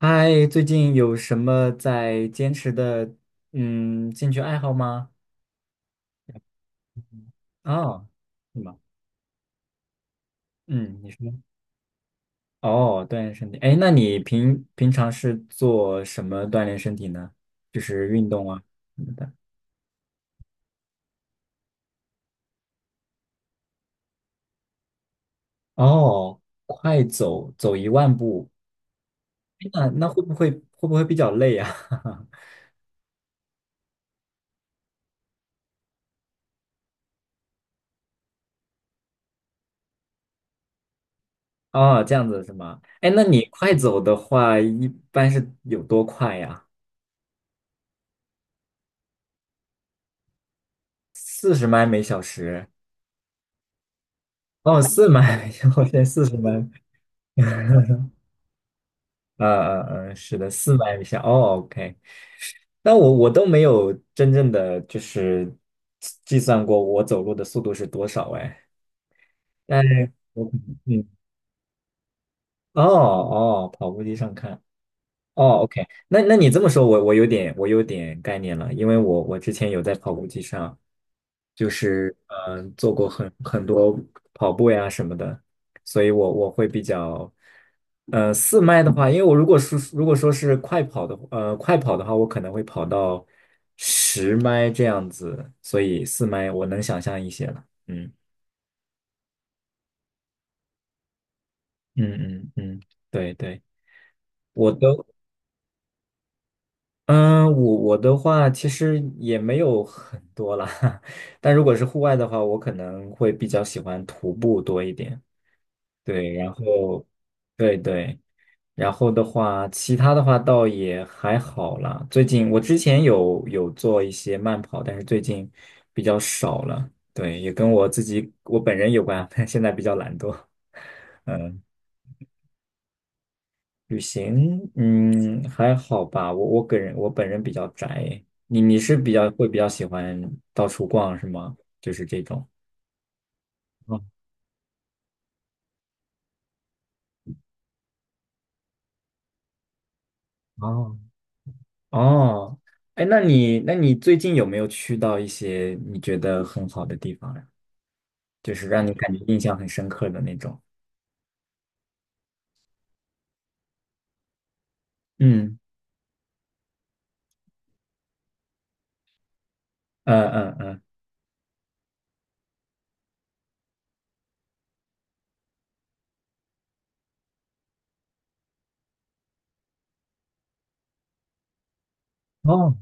嗨，最近有什么在坚持的兴趣爱好吗？哦，是吗？嗯，你说。哦，锻炼身体。哎，那你平常是做什么锻炼身体呢？就是运动啊什么的。哦，快走走1万步。哎，那会不会比较累啊？哦，这样子是吗？哎，那你快走的话，一般是有多快呀？四十迈每小时。哦，4迈。我现在40迈。呃呃是的，400米下。哦，OK。但我都没有真正的就是计算过我走路的速度是多少哎。但我嗯，哦哦，跑步机上看。哦，OK。那你这么说，我有点我有点概念了，因为我之前有在跑步机上，就是做过很多跑步呀什么的，所以我会比较，四麦的话。因为我如果说是快跑的，快跑的话，我可能会跑到10麦这样子，所以四麦我能想象一些了。嗯嗯嗯嗯，对对，我都。嗯，我的话其实也没有很多啦。但如果是户外的话，我可能会比较喜欢徒步多一点。对，然后，对对，然后的话，其他的话倒也还好啦。最近我之前有做一些慢跑，但是最近比较少了。对，也跟我自己我本人有关。现在比较懒惰。嗯。旅行，嗯，还好吧。我个人我本人比较宅。你是比较喜欢到处逛是吗？就是这种。哦哦。哦。哎，那你最近有没有去到一些你觉得很好的地方呀？就是让你感觉印象很深刻的那种。嗯，嗯嗯嗯。哦。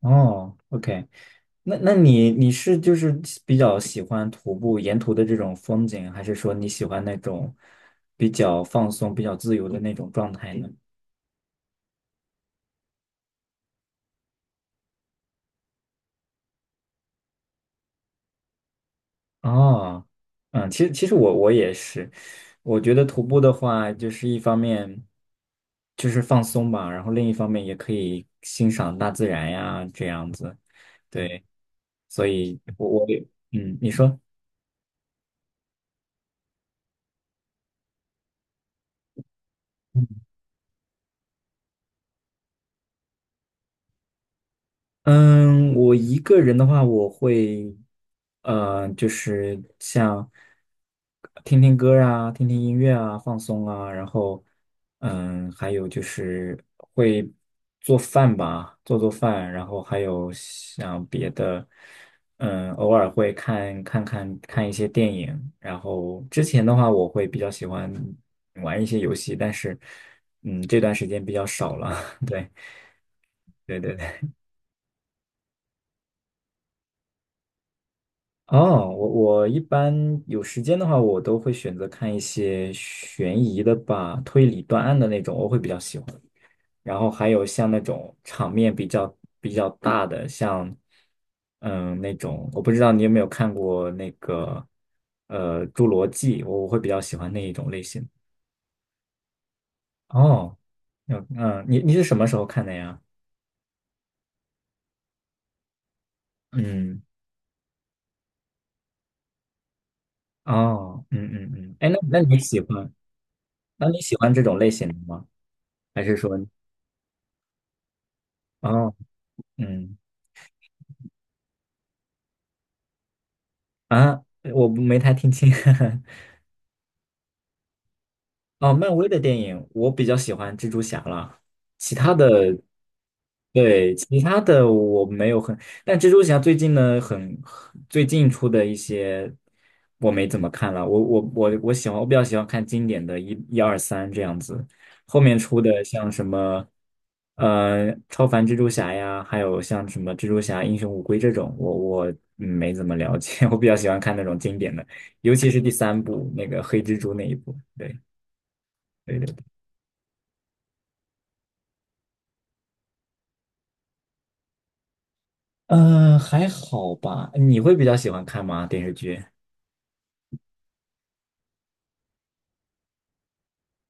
哦，OK。那你是就是比较喜欢徒步沿途的这种风景，还是说你喜欢那种比较放松、比较自由的那种状态呢？哦，嗯，其实我也是。我觉得徒步的话，就是一方面就是放松吧，然后另一方面也可以欣赏大自然呀，这样子。对，所以我也你说。嗯，我一个人的话，我会，就是像听听歌啊，听听音乐啊，放松啊，然后，还有就是会做饭吧，做做饭，然后还有像别的，偶尔会看看一些电影，然后之前的话，我会比较喜欢玩一些游戏，但是，这段时间比较少了。对。对对对。哦，我一般有时间的话，我都会选择看一些悬疑的吧，推理断案的那种，我会比较喜欢。然后还有像那种场面比较大的，像那种，我不知道你有没有看过那个《侏罗纪》，我会比较喜欢那一种类型。哦，嗯嗯，你是什么时候看的呀？嗯，哦，嗯嗯嗯，哎，那你喜欢这种类型的吗？还是说哦，嗯。啊，我不没太听清。哦，漫威的电影我比较喜欢蜘蛛侠了，其他的，对，其他的我没有很，但蜘蛛侠最近呢，最近出的一些我没怎么看了，我喜欢，我比较喜欢看经典的一二三这样子，后面出的像什么，超凡蜘蛛侠呀，还有像什么蜘蛛侠英雄无归这种，我没怎么了解。我比较喜欢看那种经典的，尤其是第三部那个黑蜘蛛那一部。对。对对，嗯，还好吧？你会比较喜欢看吗？电视剧？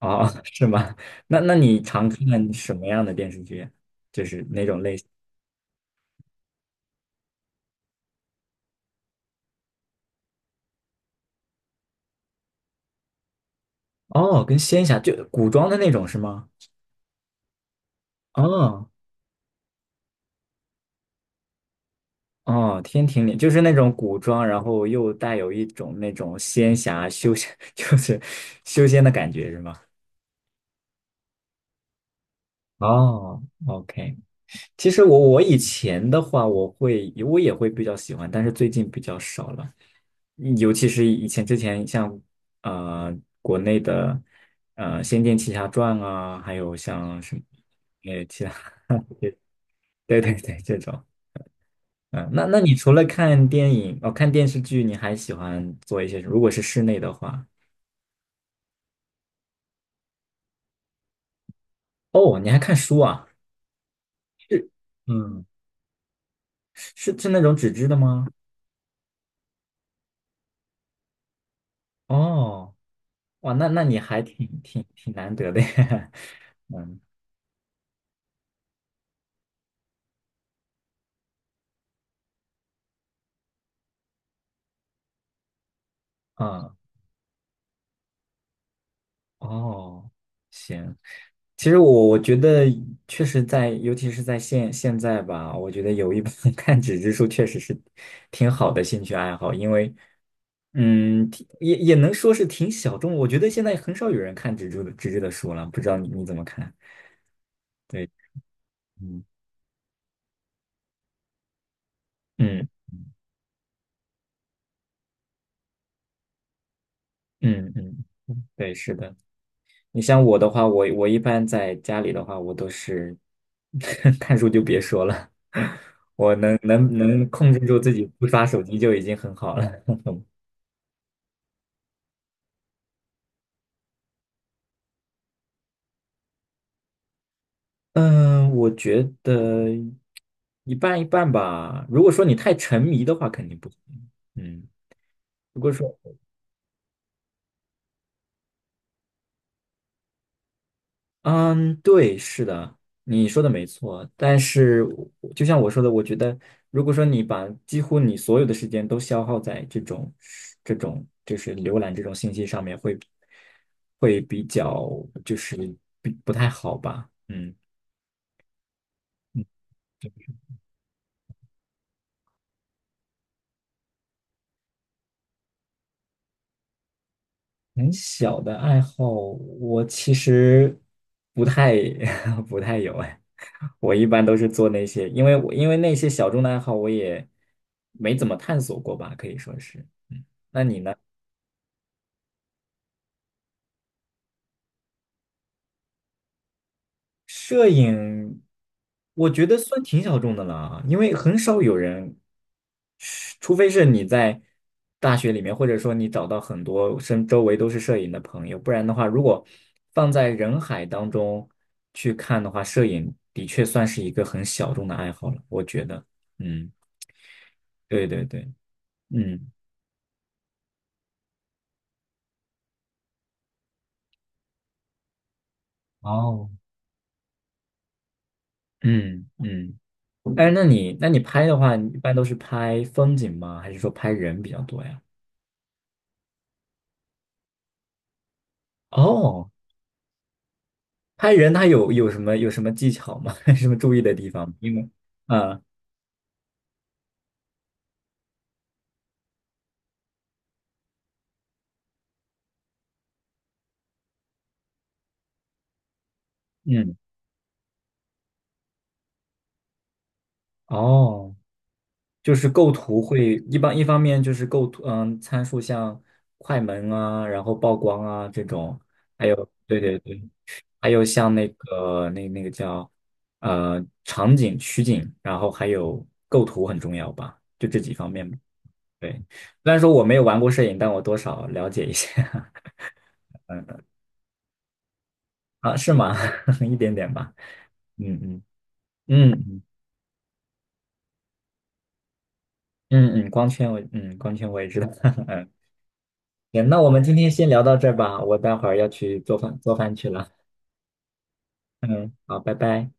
哦，是吗？那你常看什么样的电视剧？就是那，哦，跟仙侠就古装的那种是吗？哦哦，天庭里就是那种古装，然后又带有一种那种仙侠修仙，就是修仙的感觉是吗？哦，OK。其实我以前的话，我也会比较喜欢，但是最近比较少了。尤其是之前像呃国内的《仙剑奇侠传》啊，还有像什么其他 对对对这种，嗯、那你除了看电影哦看电视剧，你还喜欢做一些什么如果是室内的话，哦你还看书啊？是嗯是那种纸质的吗？哦哇那你还挺难得的呀。嗯，嗯，哦，行。其实我觉得确实在，尤其是在现在吧，我觉得有一本 看纸质书确实是挺好的兴趣爱好，因为挺也能说是挺小众。我觉得现在很少有人看纸质的书了，不知道你怎么看？对，嗯嗯嗯嗯，对，是的。你像我的话，我一般在家里的话，我都是 看书就别说了。我能控制住自己不刷手机就已经很好了。嗯，我觉得一半一半吧。如果说你太沉迷的话，肯定不行。嗯，如果说嗯，对，是的，你说的没错。但是我就像我说的，我觉得，如果说你把几乎你所有的时间都消耗在这种就是浏览这种信息上面比较就是不太好吧？嗯，很小的爱好，我其实不太 不太有哎。我一般都是做那些，因为那些小众的爱好，我也没怎么探索过吧，可以说是。嗯，摄影，我觉得算挺小众的了啊，因为很少有人，除非是你在大学里面，或者说你找到很多身周围都是摄影的朋友，不然的话，如果放在人海当中去看的话，摄影的确算是一个很小众的爱好了，我觉得。嗯，对对对，嗯，哦，嗯嗯。哎，那你拍的话，你一般都是拍风景吗？还是说拍人比较多呀？哦。拍人他有什么技巧吗？什么注意的地方吗？因为，啊嗯，哦，就是构图会一般一方面就是构图，嗯，参数像快门啊，然后曝光啊这种，还有对对对，还有像那个叫场景取景，然后还有构图很重要吧，就这几方面吧。对，虽然说我没有玩过摄影，但我多少了解一些 啊，是吗？一点点吧，嗯嗯嗯。嗯嗯嗯，光圈我也知道。嗯，行，那我们今天先聊到这儿吧，我待会儿要去做饭去了。嗯，好，拜拜。